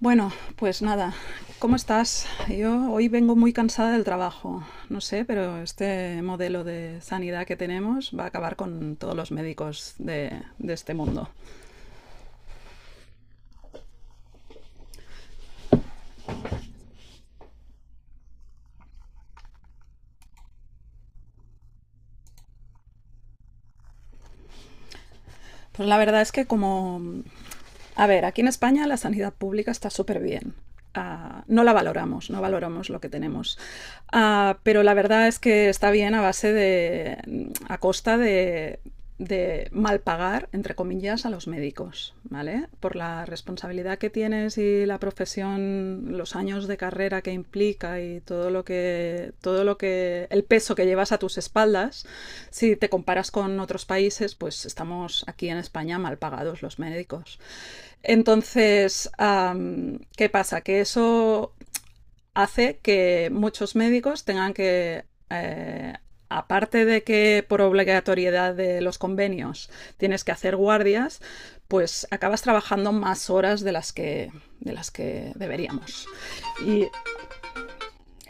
Bueno, pues nada, ¿cómo estás? Yo hoy vengo muy cansada del trabajo. No sé, pero este modelo de sanidad que tenemos va a acabar con todos los médicos de este mundo. Pues la verdad es que como. A ver, aquí en España la sanidad pública está súper bien. Ah, no la valoramos, no valoramos lo que tenemos. Ah, pero la verdad es que está bien a costa de mal pagar, entre comillas, a los médicos, ¿vale? Por la responsabilidad que tienes y la profesión, los años de carrera que implica y el peso que llevas a tus espaldas, si te comparas con otros países, pues estamos aquí en España mal pagados los médicos. Entonces, ¿qué pasa? Que eso hace que muchos médicos tengan que aparte de que por obligatoriedad de los convenios tienes que hacer guardias, pues acabas trabajando más horas de las que deberíamos. Y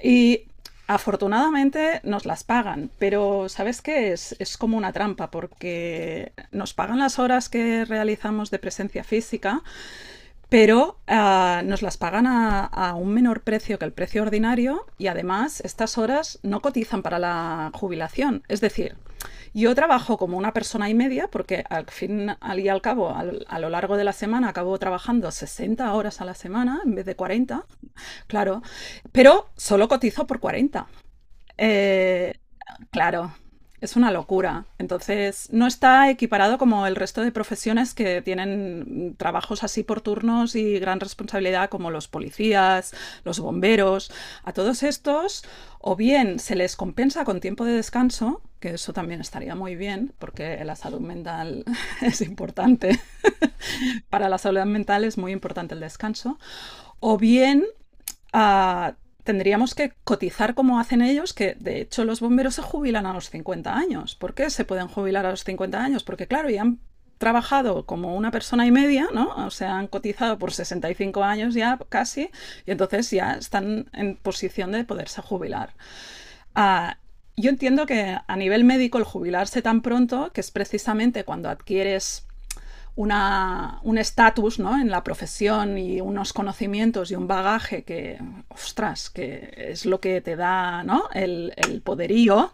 y afortunadamente nos las pagan, pero ¿sabes qué? Es como una trampa porque nos pagan las horas que realizamos de presencia física, pero nos las pagan un menor precio que el precio ordinario y además estas horas no cotizan para la jubilación. Es decir, yo trabajo como una persona y media porque al fin al y al cabo, a lo largo de la semana, acabo trabajando 60 horas a la semana en vez de 40, claro, pero solo cotizo por 40. Eh, claro, es una locura. Entonces, no está equiparado como el resto de profesiones que tienen trabajos así por turnos y gran responsabilidad, como los policías, los bomberos. A todos estos, o bien se les compensa con tiempo de descanso, que eso también estaría muy bien, porque la salud mental es importante. Para la salud mental es muy importante el descanso. O bien uh, tendríamos que cotizar como hacen ellos, que de hecho los bomberos se jubilan a los 50 años. ¿Por qué se pueden jubilar a los 50 años? Porque claro, ya han trabajado como una persona y media, ¿no? O sea, han cotizado por 65 años ya casi, y entonces ya están en posición de poderse jubilar. Uh, yo entiendo que a nivel médico el jubilarse tan pronto, que es precisamente cuando adquieres un estatus, ¿no?, en la profesión y unos conocimientos y un bagaje que, ostras, que es lo que te da, ¿no?, el poderío.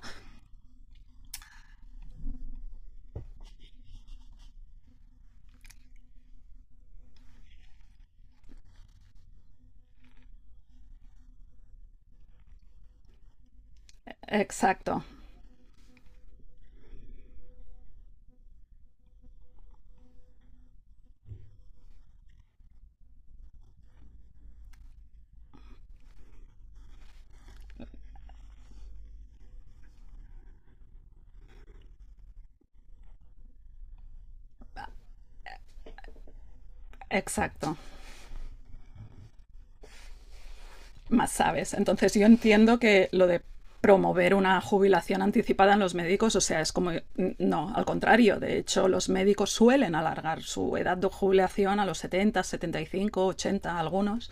Exacto, exacto. Más sabes. Entonces yo entiendo que lo de promover una jubilación anticipada en los médicos, o sea, es como, no, al contrario, de hecho los médicos suelen alargar su edad de jubilación a los 70, 75, 80 algunos.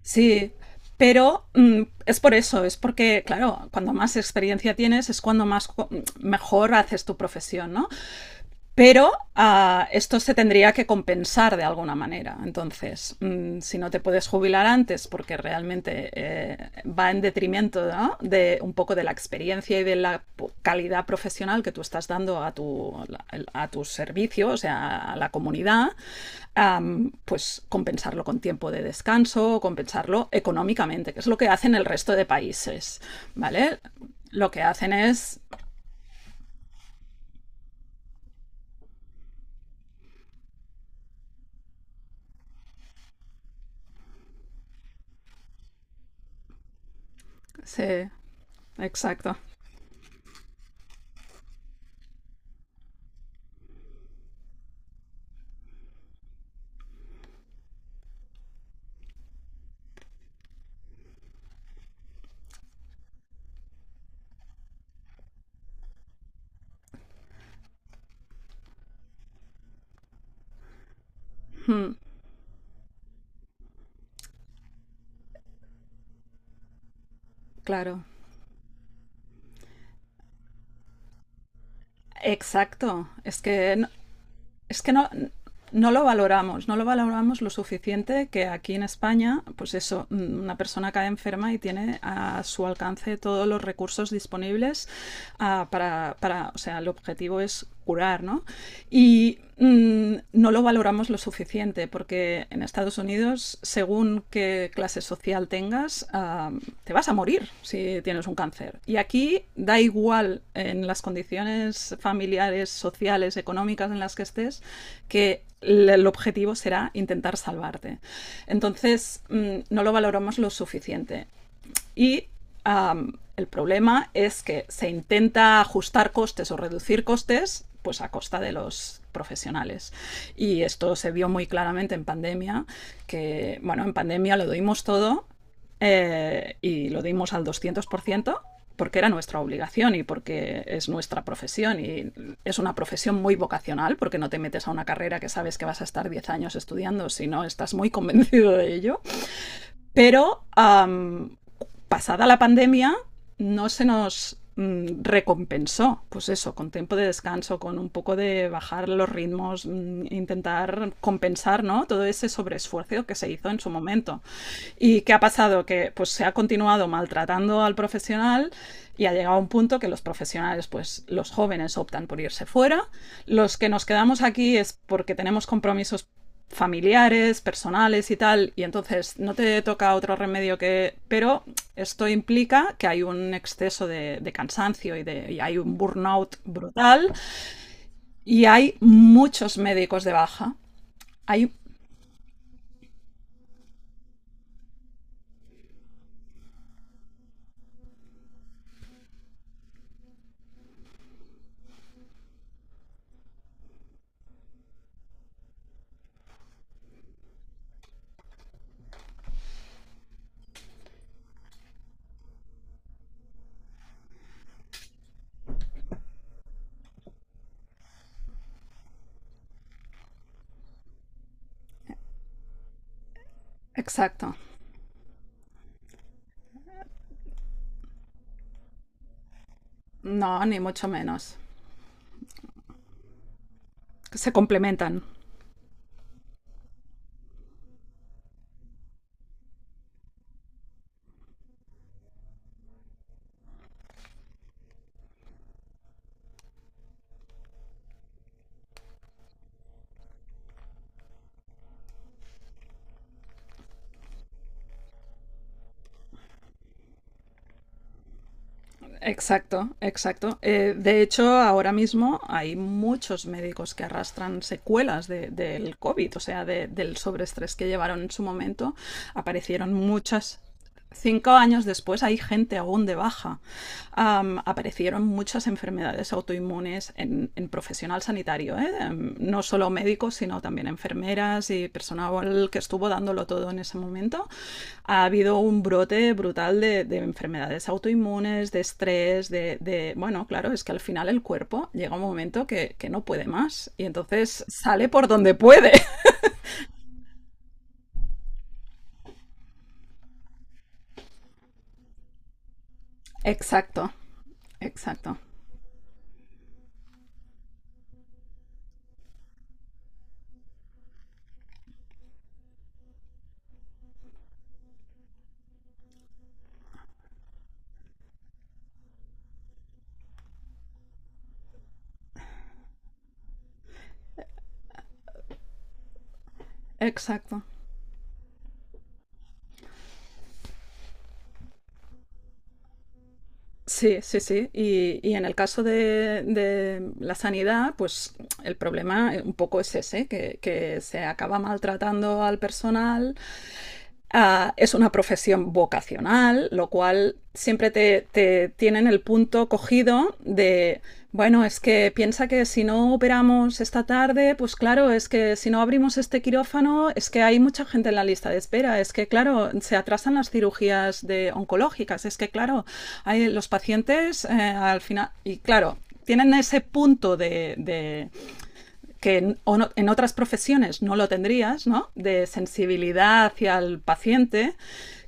Sí, pero es por eso, es porque, claro, cuando más experiencia tienes es cuando mejor haces tu profesión, ¿no? Pero esto se tendría que compensar de alguna manera. Entonces, si no te puedes jubilar antes porque realmente va en detrimento, ¿no?, de un poco de la experiencia y de la calidad profesional que tú estás dando a tu servicio, o sea, a la comunidad, pues compensarlo con tiempo de descanso, compensarlo económicamente, que es lo que hacen el resto de países. ¿Vale? Lo que hacen es. Sí, exacto. Mm, claro. Exacto. Es que, es que no, no lo valoramos, no lo valoramos lo suficiente que aquí en España, pues eso, una persona cae enferma y tiene a su alcance todos los recursos disponibles, para, o sea, el objetivo es curar, ¿no? Y no lo valoramos lo suficiente porque en Estados Unidos, años, según qué clase social tengas, te vas a morir si tienes un cáncer. Y aquí da igual en las condiciones familiares, sociales, económicas en las que estés, que el objetivo será intentar salvarte. Entonces, no lo valoramos lo suficiente. Y el problema es que se intenta ajustar costes o reducir costes pues a costa de los profesionales. Y esto se vio muy claramente en pandemia, que bueno, en pandemia lo dimos todo, y lo dimos al 200%, porque era nuestra obligación y porque es nuestra profesión y es una profesión muy vocacional porque no te metes a una carrera que sabes que vas a estar 10 años estudiando, sino estás muy convencido de ello. Pero pasada la pandemia no se nos recompensó, pues eso, con tiempo de descanso, con un poco de bajar los ritmos, intentar compensar, ¿no? Todo ese sobreesfuerzo que se hizo en su momento. ¿Y qué ha pasado? Que pues se ha continuado maltratando al profesional y ha llegado a un punto que los profesionales, pues los jóvenes optan por irse fuera, los que nos quedamos aquí es porque tenemos compromisos familiares, personales y tal, y entonces no te toca otro remedio que. Pero esto implica que hay un exceso de cansancio y hay un burnout brutal y hay muchos médicos de baja. Hay. Exacto. No, ni mucho menos. Se complementan. Exacto, exacto. De hecho, ahora mismo hay muchos médicos que arrastran secuelas del COVID, o sea, del sobreestrés que llevaron en su momento. Aparecieron muchas. 5 años después hay gente aún de baja. Aparecieron muchas enfermedades autoinmunes en, en profesional sanitario, ¿eh? No solo médicos, sino también enfermeras y personal que estuvo dándolo todo en ese momento, ha habido un brote brutal de enfermedades autoinmunes, de estrés. Bueno, claro, es que al final el cuerpo llega un momento que no puede más y entonces sale por donde puede. Exacto, exacto, exacto. Sí, sí, sí. Y en el caso de la sanidad, pues el problema, un poco es ese, que se acaba maltratando al personal. Es una profesión vocacional, lo cual siempre tienen el punto cogido de, bueno, es que piensa que si no operamos esta tarde, pues claro, es que si no abrimos este quirófano, es que hay mucha gente en la lista de espera, es que claro, se atrasan las cirugías de oncológicas, es que claro, hay los pacientes, al final, y claro, tienen ese punto de que en, o no, en otras profesiones no lo tendrías, ¿no? De sensibilidad hacia el paciente,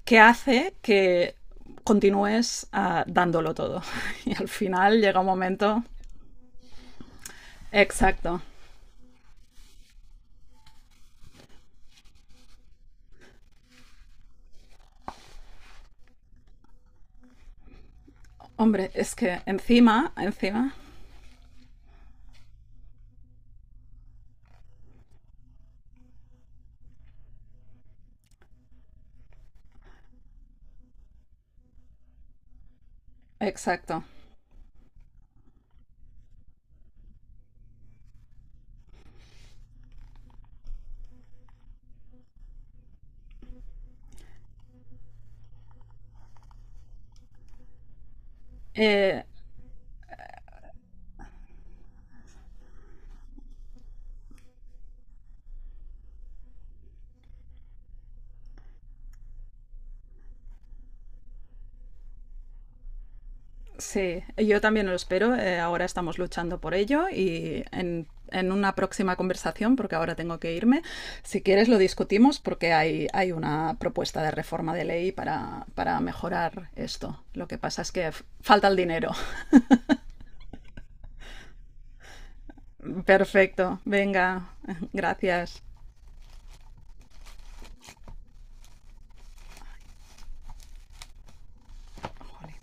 que hace que continúes dándolo todo. Y al final llega un momento. Exacto. Hombre, es que encima, encima, exacto. Eh, sí, yo también lo espero. Ahora estamos luchando por ello en una próxima conversación, porque ahora tengo que irme, si quieres lo discutimos porque hay una propuesta de reforma de ley para mejorar esto. Lo que pasa es que falta el dinero. Perfecto, venga, gracias. Jolín.